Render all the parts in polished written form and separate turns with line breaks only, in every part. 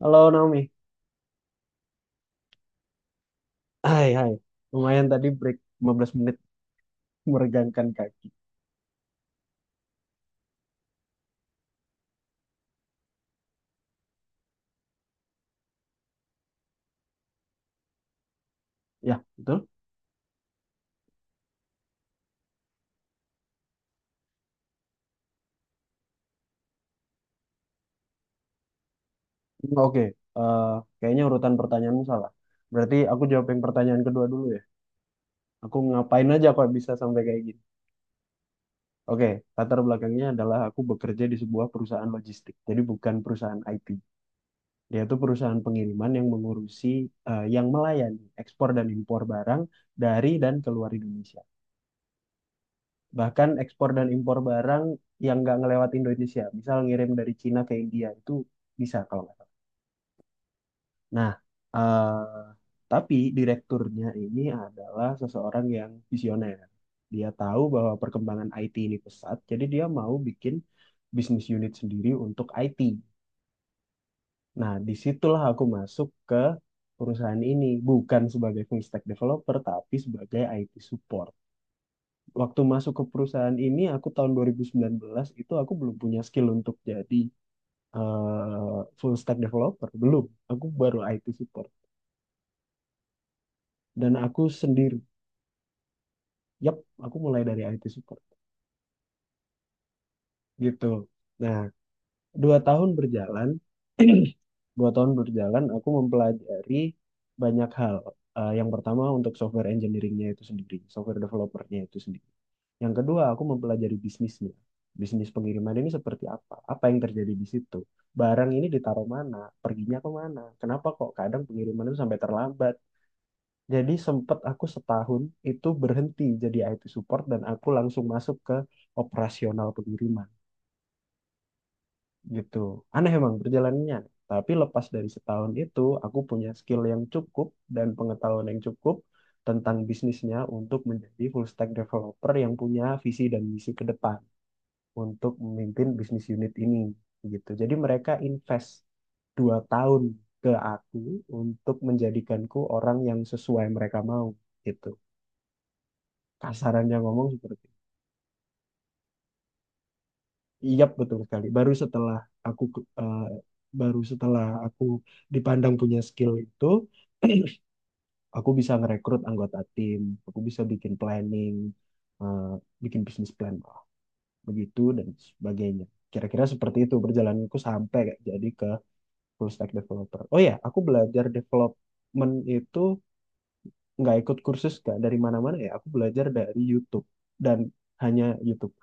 Halo Naomi. Hai, hai. Lumayan tadi break 15 menit meregangkan kaki. Ya, betul? Hmm, oke. Eh, Kayaknya urutan pertanyaan salah. Berarti aku jawab yang pertanyaan kedua dulu ya. Aku ngapain aja kok bisa sampai kayak gini. Oke, latar belakangnya adalah aku bekerja di sebuah perusahaan logistik. Jadi bukan perusahaan IT. Dia itu perusahaan pengiriman yang mengurusi, yang melayani ekspor dan impor barang dari dan keluar Indonesia. Bahkan ekspor dan impor barang yang nggak ngelewat Indonesia, misal ngirim dari Cina ke India itu bisa kalau nggak salah. Nah, eh, tapi direkturnya ini adalah seseorang yang visioner. Dia tahu bahwa perkembangan IT ini pesat, jadi dia mau bikin bisnis unit sendiri untuk IT. Nah, disitulah aku masuk ke perusahaan ini, bukan sebagai full stack developer, tapi sebagai IT support. Waktu masuk ke perusahaan ini aku tahun 2019 itu aku belum punya skill untuk jadi, full stack developer, belum. Aku baru IT support dan aku sendiri. Yap, aku mulai dari IT support gitu. Nah, 2 tahun berjalan, 2 tahun berjalan aku mempelajari banyak hal. Yang pertama untuk software engineeringnya itu sendiri, software developernya itu sendiri. Yang kedua, aku mempelajari bisnisnya. Bisnis pengiriman ini seperti apa? Apa yang terjadi di situ? Barang ini ditaruh mana? Perginya ke mana? Kenapa kok kadang pengiriman itu sampai terlambat? Jadi sempat aku setahun itu berhenti jadi IT support dan aku langsung masuk ke operasional pengiriman gitu. Aneh emang perjalanannya. Tapi lepas dari setahun itu, aku punya skill yang cukup dan pengetahuan yang cukup tentang bisnisnya untuk menjadi full stack developer yang punya visi dan misi ke depan untuk memimpin bisnis unit ini gitu. Jadi mereka invest 2 tahun ke aku untuk menjadikanku orang yang sesuai mereka mau gitu. Kasarannya ngomong seperti itu. Iya betul sekali. Aku eh, Baru setelah aku dipandang punya skill itu, aku bisa ngerekrut anggota tim, aku bisa bikin planning, eh, bikin bisnis plan lah, begitu dan sebagainya. Kira-kira seperti itu perjalananku sampai kayak jadi ke full stack developer. Oh ya, aku belajar development itu nggak ikut kursus nggak dari mana-mana ya. Aku belajar dari YouTube dan hanya YouTube.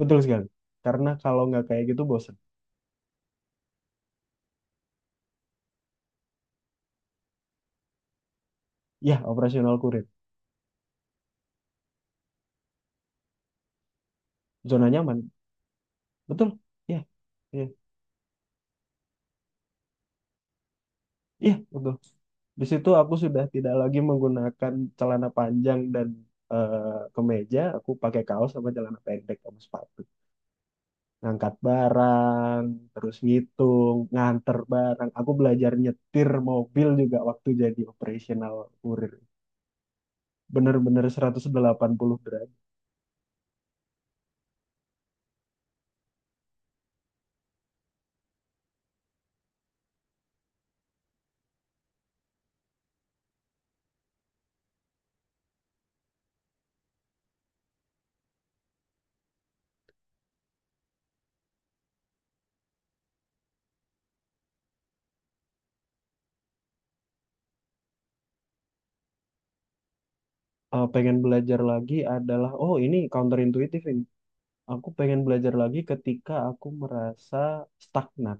Betul sekali. Karena kalau nggak kayak gitu bosen. Ya, operasional kurir. Zona nyaman. Betul. Ya, ya, ya, betul. Di situ aku sudah tidak lagi menggunakan celana panjang dan, kemeja. Aku pakai kaos sama celana pendek sama sepatu. Ngangkat barang, terus ngitung, nganter barang. Aku belajar nyetir mobil juga waktu jadi operational kurir. Bener-bener 180 derajat. Pengen belajar lagi adalah, oh ini counterintuitif ini. Aku pengen belajar lagi ketika aku merasa stagnan.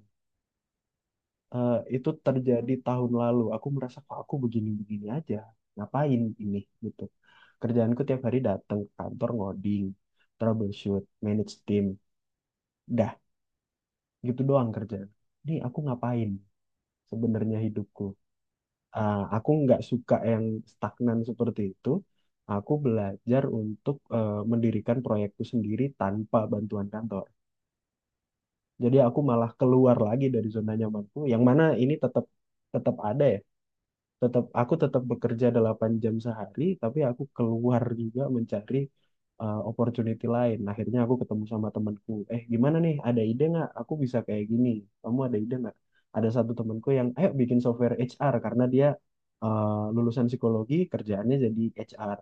Itu terjadi tahun lalu. Aku merasa kok aku begini-begini aja. Ngapain ini gitu. Kerjaanku tiap hari datang ke kantor ngoding, troubleshoot, manage team. Dah gitu doang kerja. Ini aku ngapain sebenarnya hidupku? Ah, aku nggak suka yang stagnan seperti itu. Aku belajar untuk, mendirikan proyekku sendiri tanpa bantuan kantor. Jadi aku malah keluar lagi dari zona nyamanku, yang mana ini tetap tetap ada ya, tetap aku tetap bekerja 8 jam sehari tapi aku keluar juga mencari, opportunity lain. Akhirnya aku ketemu sama temanku, gimana nih, ada ide nggak, aku bisa kayak gini, kamu ada ide nggak. Ada satu temanku yang ayo bikin software HR karena dia, uh, lulusan psikologi kerjaannya jadi HR.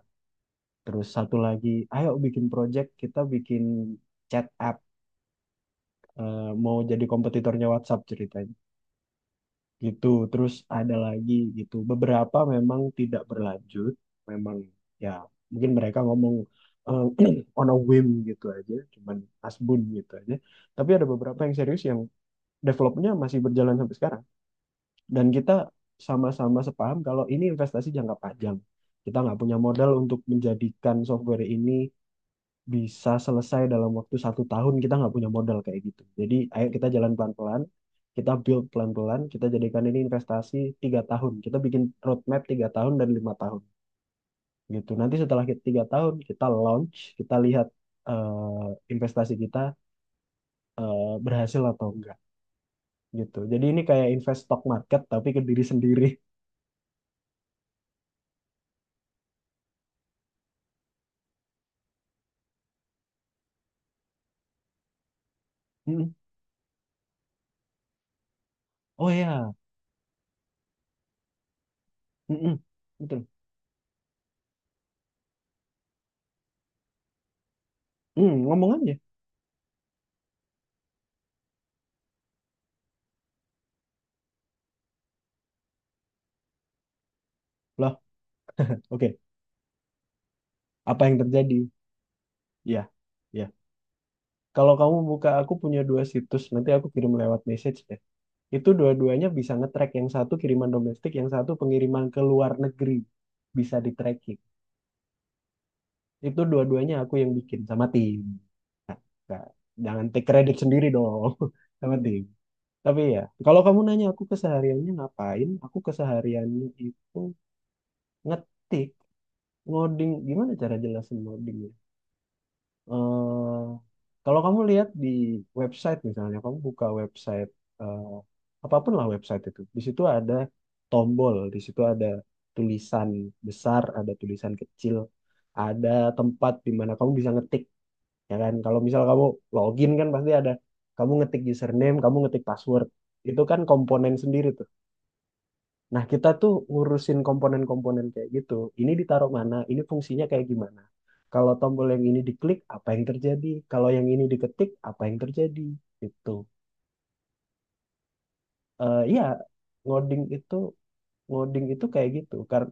Terus satu lagi ayo bikin project, kita bikin chat app, mau jadi kompetitornya WhatsApp ceritanya gitu. Terus ada lagi gitu. Beberapa memang tidak berlanjut, memang, ya mungkin mereka ngomong, eh, on a whim gitu aja, cuman asbun gitu aja. Tapi ada beberapa yang serius yang developnya masih berjalan sampai sekarang, dan kita sama-sama sepaham kalau ini investasi jangka panjang. Kita nggak punya modal untuk menjadikan software ini bisa selesai dalam waktu satu tahun, kita nggak punya modal kayak gitu. Jadi ayo kita jalan pelan-pelan, kita build pelan-pelan, kita jadikan ini investasi 3 tahun. Kita bikin roadmap 3 tahun dan 5 tahun gitu. Nanti setelah kita 3 tahun kita launch, kita lihat, eh, investasi kita, eh, berhasil atau enggak gitu. Jadi ini kayak invest stock market tapi ke diri sendiri. Mm. Oh ya, mm-mm. Betul. Mm, ngomong aja. Loh, oke. Apa yang terjadi? Ya, ya. Kalau kamu buka, aku punya dua situs, nanti aku kirim lewat message deh. Itu dua-duanya bisa nge-track, yang satu kiriman domestik, yang satu pengiriman ke luar negeri. Bisa di-tracking. Itu dua-duanya aku yang bikin sama tim. Nah, nah, jangan take credit sendiri dong, sama tim. Tapi ya, kalau kamu nanya aku kesehariannya ngapain, aku kesehariannya itu ngetik, ngoding. Gimana cara jelasin ngoding, ya? eh, Kalau kamu lihat di website misalnya, kamu buka website, eh, apapun lah website itu, di situ ada tombol, di situ ada tulisan besar, ada tulisan kecil, ada tempat di mana kamu bisa ngetik, ya kan? Kalau misal kamu login kan pasti ada, kamu ngetik username, kamu ngetik password, itu kan komponen sendiri tuh. Nah, kita tuh ngurusin komponen-komponen kayak gitu. Ini ditaruh mana? Ini fungsinya kayak gimana? Kalau tombol yang ini diklik, apa yang terjadi? Kalau yang ini diketik, apa yang terjadi? Itu. Iya, ngoding itu ngoding itu kayak gitu. Karena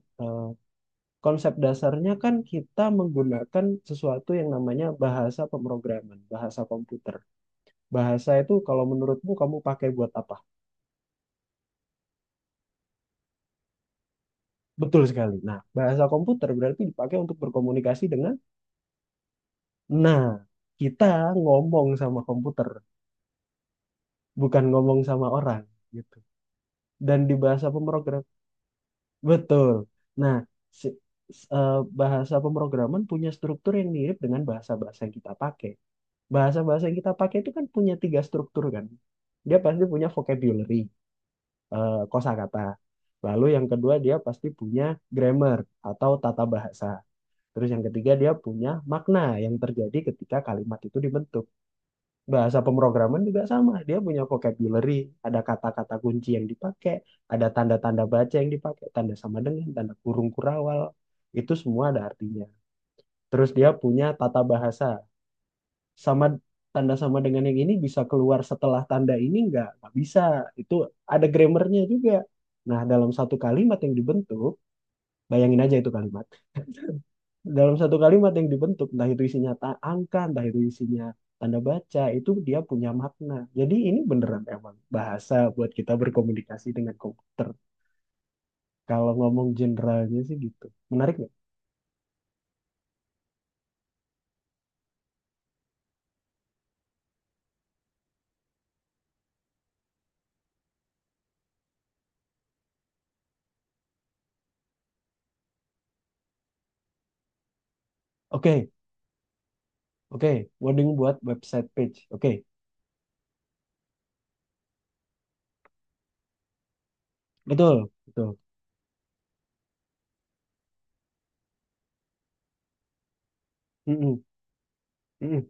konsep dasarnya kan kita menggunakan sesuatu yang namanya bahasa pemrograman, bahasa komputer. Bahasa itu kalau menurutmu kamu pakai buat apa? Betul sekali. Nah, bahasa komputer berarti dipakai untuk berkomunikasi dengan. Nah, kita ngomong sama komputer, bukan ngomong sama orang gitu. Dan di bahasa pemrogram, betul. Nah, si- s- eh, bahasa pemrograman punya struktur yang mirip dengan bahasa-bahasa yang kita pakai. Bahasa-bahasa yang kita pakai itu kan punya tiga struktur kan. Dia pasti punya vocabulary, kosakata. Lalu yang kedua dia pasti punya grammar atau tata bahasa. Terus yang ketiga dia punya makna yang terjadi ketika kalimat itu dibentuk. Bahasa pemrograman juga sama. Dia punya vocabulary, ada kata-kata kunci yang dipakai, ada tanda-tanda baca yang dipakai, tanda sama dengan, tanda kurung kurawal. Itu semua ada artinya. Terus dia punya tata bahasa. Sama tanda sama dengan yang ini bisa keluar setelah tanda ini, nggak bisa. Itu ada grammarnya juga. Nah, dalam satu kalimat yang dibentuk, bayangin aja itu kalimat, dalam satu kalimat yang dibentuk, entah itu isinya angka, entah itu isinya tanda baca, itu dia punya makna. Jadi ini beneran emang bahasa buat kita berkomunikasi dengan komputer. Kalau ngomong generalnya sih gitu. Menarik nggak? Oke, oke. Wording buat website page. Oke, betul, betul. Mm-mm, mm-mm.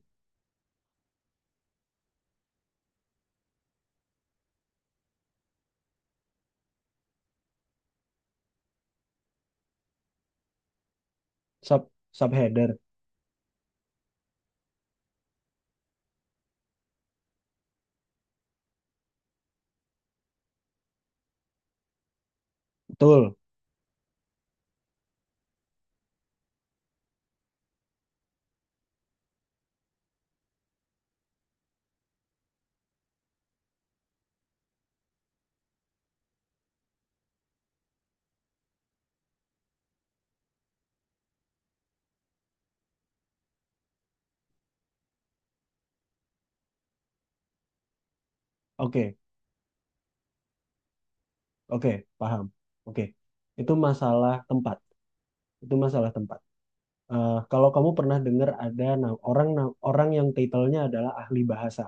Sub, subheader, betul. Oke, oke, paham. Oke, itu masalah tempat. Itu masalah tempat. Kalau kamu pernah dengar ada orang yang titelnya adalah ahli bahasa.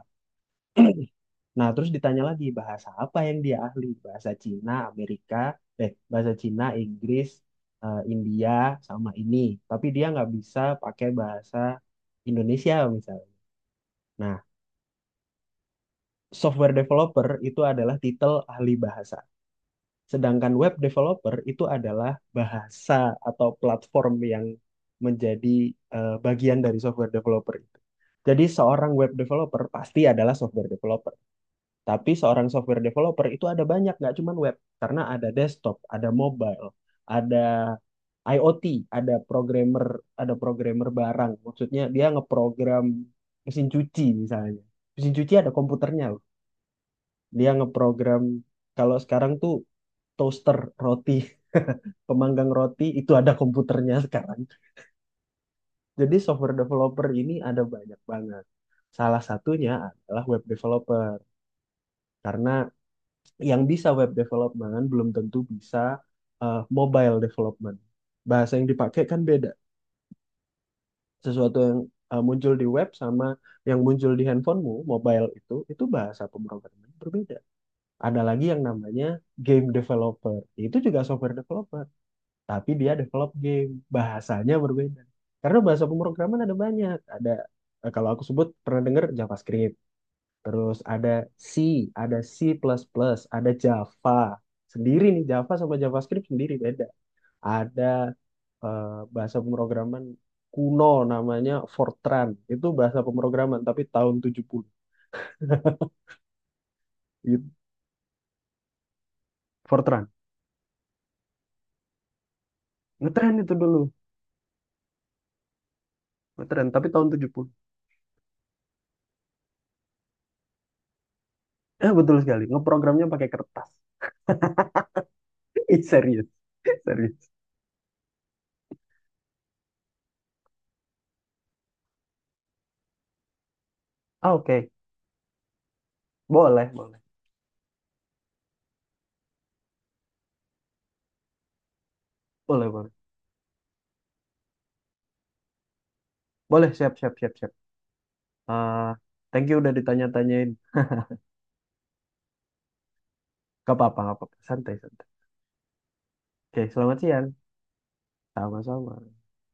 Nah, terus ditanya lagi bahasa apa yang dia ahli? Bahasa Cina, Amerika, bahasa Cina, Inggris, India sama ini. Tapi dia nggak bisa pakai bahasa Indonesia misalnya. Nah, software developer itu adalah titel ahli bahasa. Sedangkan web developer itu adalah bahasa atau platform yang menjadi, bagian dari software developer itu. Jadi seorang web developer pasti adalah software developer. Tapi seorang software developer itu ada banyak, nggak cuma web. Karena ada desktop, ada mobile, ada IoT, ada programmer, ada programmer barang. Maksudnya dia ngeprogram mesin cuci misalnya. Mesin cuci ada komputernya loh. Dia ngeprogram kalau sekarang tuh toaster roti, pemanggang roti itu ada komputernya sekarang. Jadi software developer ini ada banyak banget. Salah satunya adalah web developer karena yang bisa web development belum tentu bisa, mobile development. Bahasa yang dipakai kan beda. Sesuatu yang, muncul di web sama yang muncul di handphonemu, mobile itu bahasa pemrograman berbeda. Ada lagi yang namanya game developer. Itu juga software developer. Tapi dia develop game bahasanya berbeda karena bahasa pemrograman ada banyak. Ada, kalau aku sebut pernah dengar JavaScript, terus ada C, ada C++, ada Java sendiri nih. Java sama JavaScript sendiri beda. Ada, eh, bahasa pemrograman kuno namanya Fortran. Itu bahasa pemrograman tapi tahun 70. Itu Fortran ngetren itu dulu, ngetren tapi tahun 70. Betul sekali, ngeprogramnya pakai kertas. It's serius. Serius. Ah, oke, boleh, boleh. Boleh, boleh. Boleh, siap, siap, siap, siap. Ah, thank you udah ditanya-tanyain. Gak apa-apa, gak apa-apa. Santai, santai. Oke, selamat siang. Sama-sama.